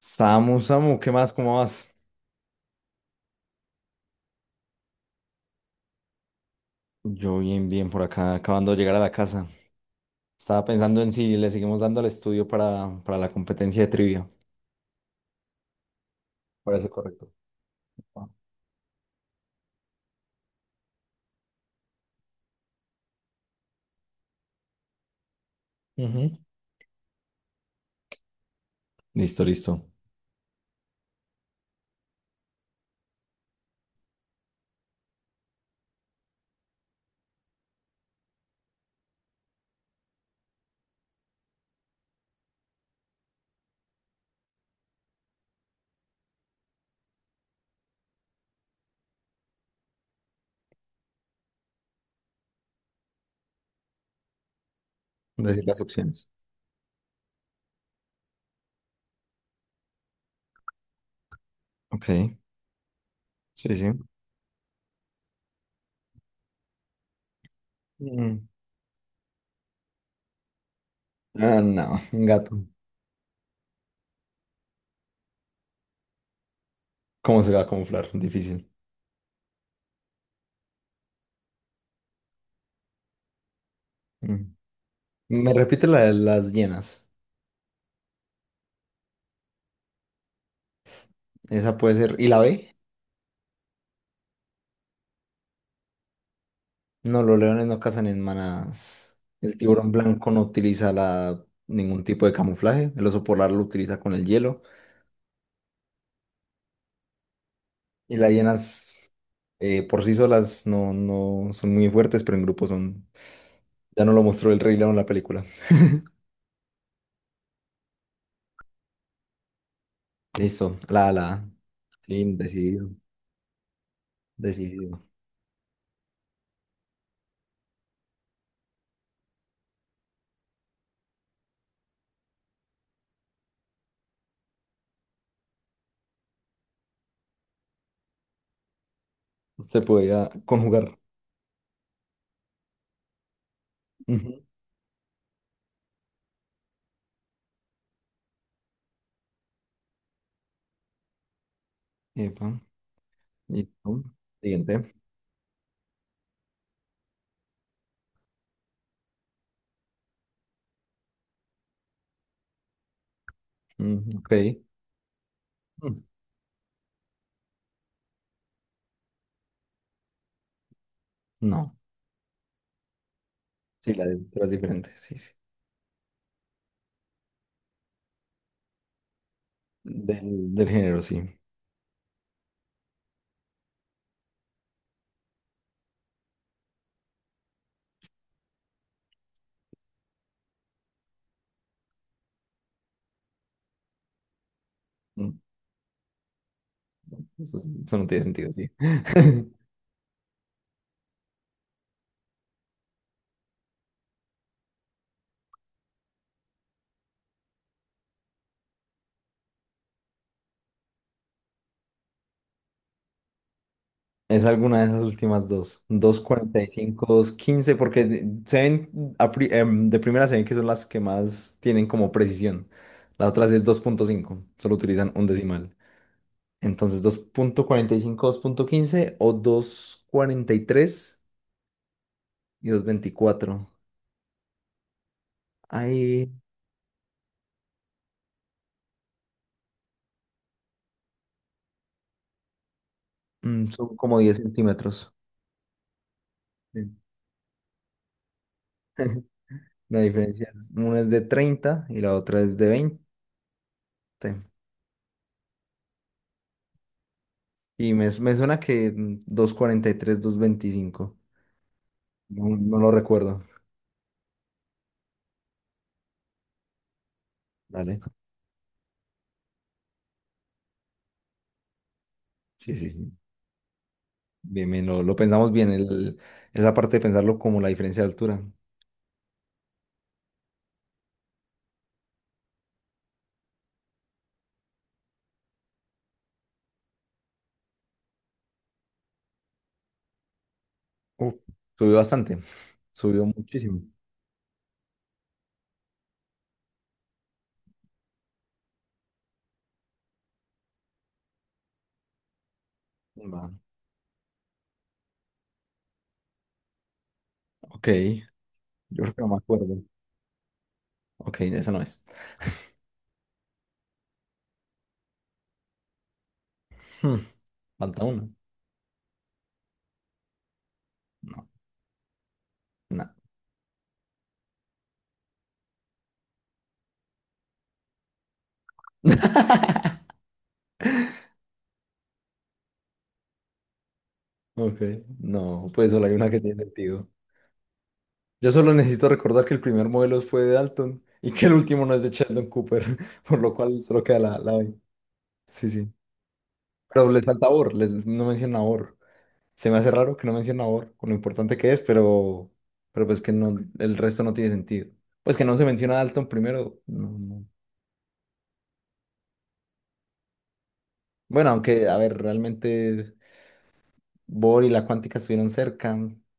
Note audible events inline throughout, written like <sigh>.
Samu, Samu, ¿qué más? ¿Cómo vas? Yo bien, bien, por acá, acabando de llegar a la casa. Estaba pensando en si le seguimos dando al estudio para la competencia de trivia. Parece correcto. Ah. Ujú. Listo, listo. Decir las opciones. Ok, sí, sí. Mm. Ah, no, un gato. ¿Cómo se va a camuflar? Difícil. Mm. Me repite la de las llenas. Esa puede ser. ¿Y la B? No, los leones no cazan en manadas. El tiburón blanco no utiliza ningún tipo de camuflaje. El oso polar lo utiliza con el hielo. Y las hienas por sí solas no son muy fuertes, pero en grupo son. Ya no lo mostró el Rey León en la película. Listo, la, la. Sí, decidido, decidido. Se podía conjugar. Ujú. Epa, y tú, siguiente. Mm, ok. Mm, no, sí, la de es diferente. Sí, sí. Del género, sí. Mm. Eso, sí, eso no tiene sentido, sí. <laughs> Es alguna de esas últimas dos. 2.15, porque se ven, de primera se ven que son las que más tienen como precisión. Las otras es 2.5 solo utilizan un decimal. Entonces dos punto cuarenta y cinco 2.15 o dos cuarenta y 2.24. Ahí son como 10 centímetros. Sí. <laughs> La diferencia es, una es de 30 y la otra es de 20. Y me suena que 2.43 2.25. No, no lo recuerdo. Vale. Sí, sí, sí. Bien, bien, lo pensamos bien. Esa parte de pensarlo como la diferencia de altura. Uf, subió bastante. Subió muchísimo. Va, ok. Yo creo que no me acuerdo. Ok, esa no es. Hmm, Falta una. No, no. <laughs> Ok. No, pues solo hay una que tiene sentido. Yo solo necesito recordar que el primer modelo fue de Dalton y que el último no es de Sheldon Cooper, <laughs> por lo cual solo queda la B. Sí, sí. Pero les falta or, les no menciona or. Se me hace raro que no menciona or, con lo importante que es, pero pues que no, el resto no tiene sentido. Pues que no se menciona a Dalton primero, no, no. Bueno, aunque, a ver, realmente Bohr y la cuántica estuvieron cerca.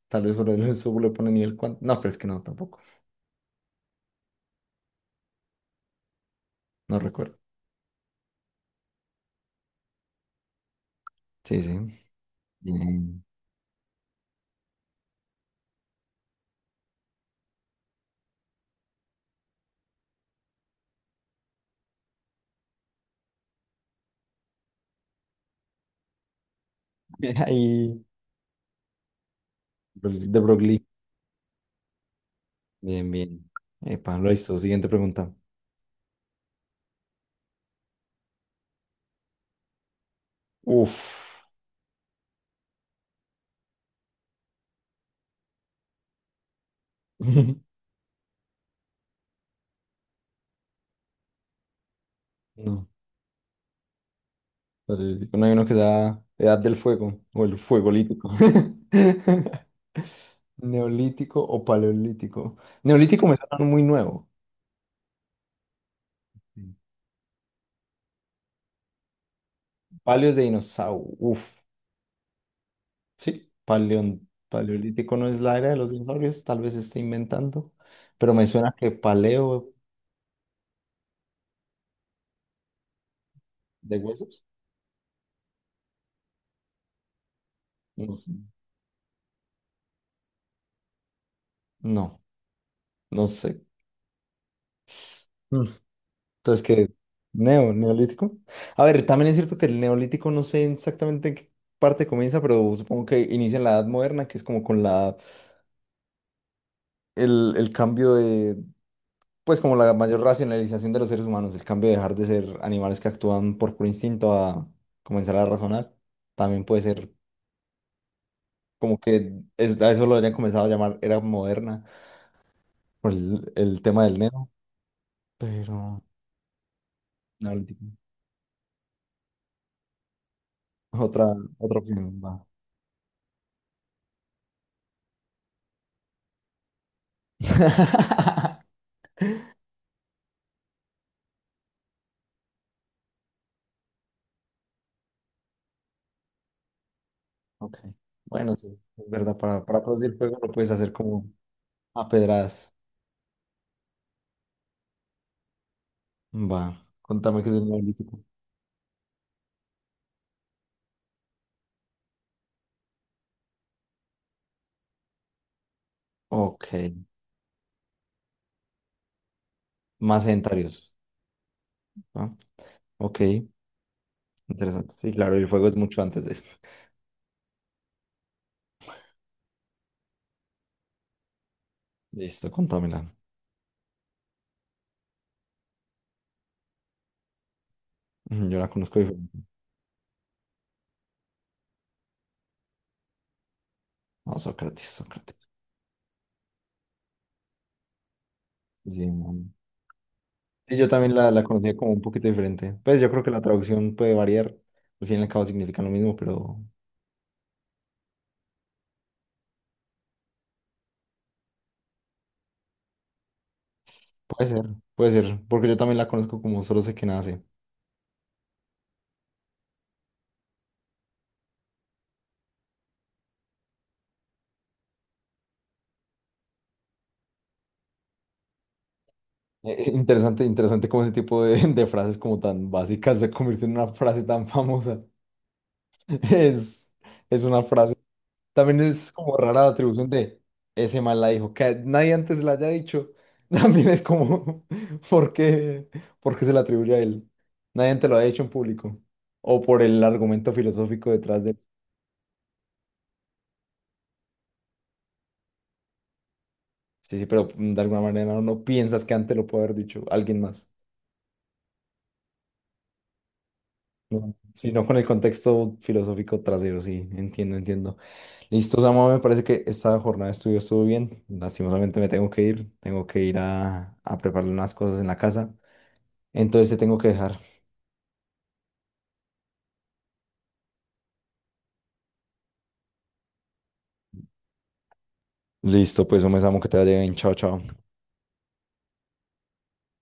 Tal vez por <laughs> eso le pone nivel cuántico. No, pero es que no, tampoco. No recuerdo. Sí, sí. Bien. <laughs> Bien. Ahí, de Broglie. Bien, bien. Epa, lo hizo. Siguiente pregunta. Uf. <laughs> No. Paleolítico. No hay uno que sea Edad del Fuego o el Fuegolítico. <laughs> Neolítico o paleolítico. Neolítico me suena muy nuevo. Paleos de dinosaurio. Uf. Sí, paleolítico no es la era de los dinosaurios. Tal vez se esté inventando. Pero me suena que paleo de huesos. No sé. No, no sé. Entonces, ¿qué? Neolítico. A ver, también es cierto que el neolítico no sé exactamente en qué parte comienza, pero supongo que inicia en la Edad Moderna, que es como con el cambio de, pues como la mayor racionalización de los seres humanos, el cambio de dejar de ser animales que actúan por puro instinto a comenzar a razonar. También puede ser como a eso lo habrían comenzado a llamar era moderna por el tema del neo, pero neolítico. Otra, otra opción, va. <laughs> Ok. Bueno, sí, es verdad, para producir fuego lo puedes hacer como a pedradas. Va, contame qué es el neolítico. Ok, más sedentarios. ¿Va? Ok, interesante. Sí, claro, el fuego es mucho antes de esto. <laughs> Listo, contámela. Ujú, yo la conozco diferente. No, Sócrates, Sócrates. Sí, man. Y yo también la conocía como un poquito diferente. Pues yo creo que la traducción puede variar. Al fin y al cabo significan lo mismo, pero puede ser, puede ser. Porque yo también la conozco como solo sé que nace. Interesante, interesante cómo ese tipo de, <laughs> de frases como tan básicas se convirtió en una frase tan famosa. <laughs> Es, es una frase. También es como rara la atribución de ese mal la dijo, que nadie antes la haya dicho. <laughs> También es como, <laughs> ¿por qué, por qué se la atribuye a él? Nadie antes lo ha dicho en público. O por el argumento filosófico detrás de él. Sí, sí, pero de alguna manera no piensas que antes lo puede haber dicho alguien más. No, sino con el contexto filosófico trasero, sí, entiendo, entiendo. Listo, Samuel, me parece que esta jornada de estudio estuvo bien. Lastimosamente me tengo que ir a preparar unas cosas en la casa. Entonces te tengo que dejar. Listo, pues un besamo que te vaya bien. Chao, chao.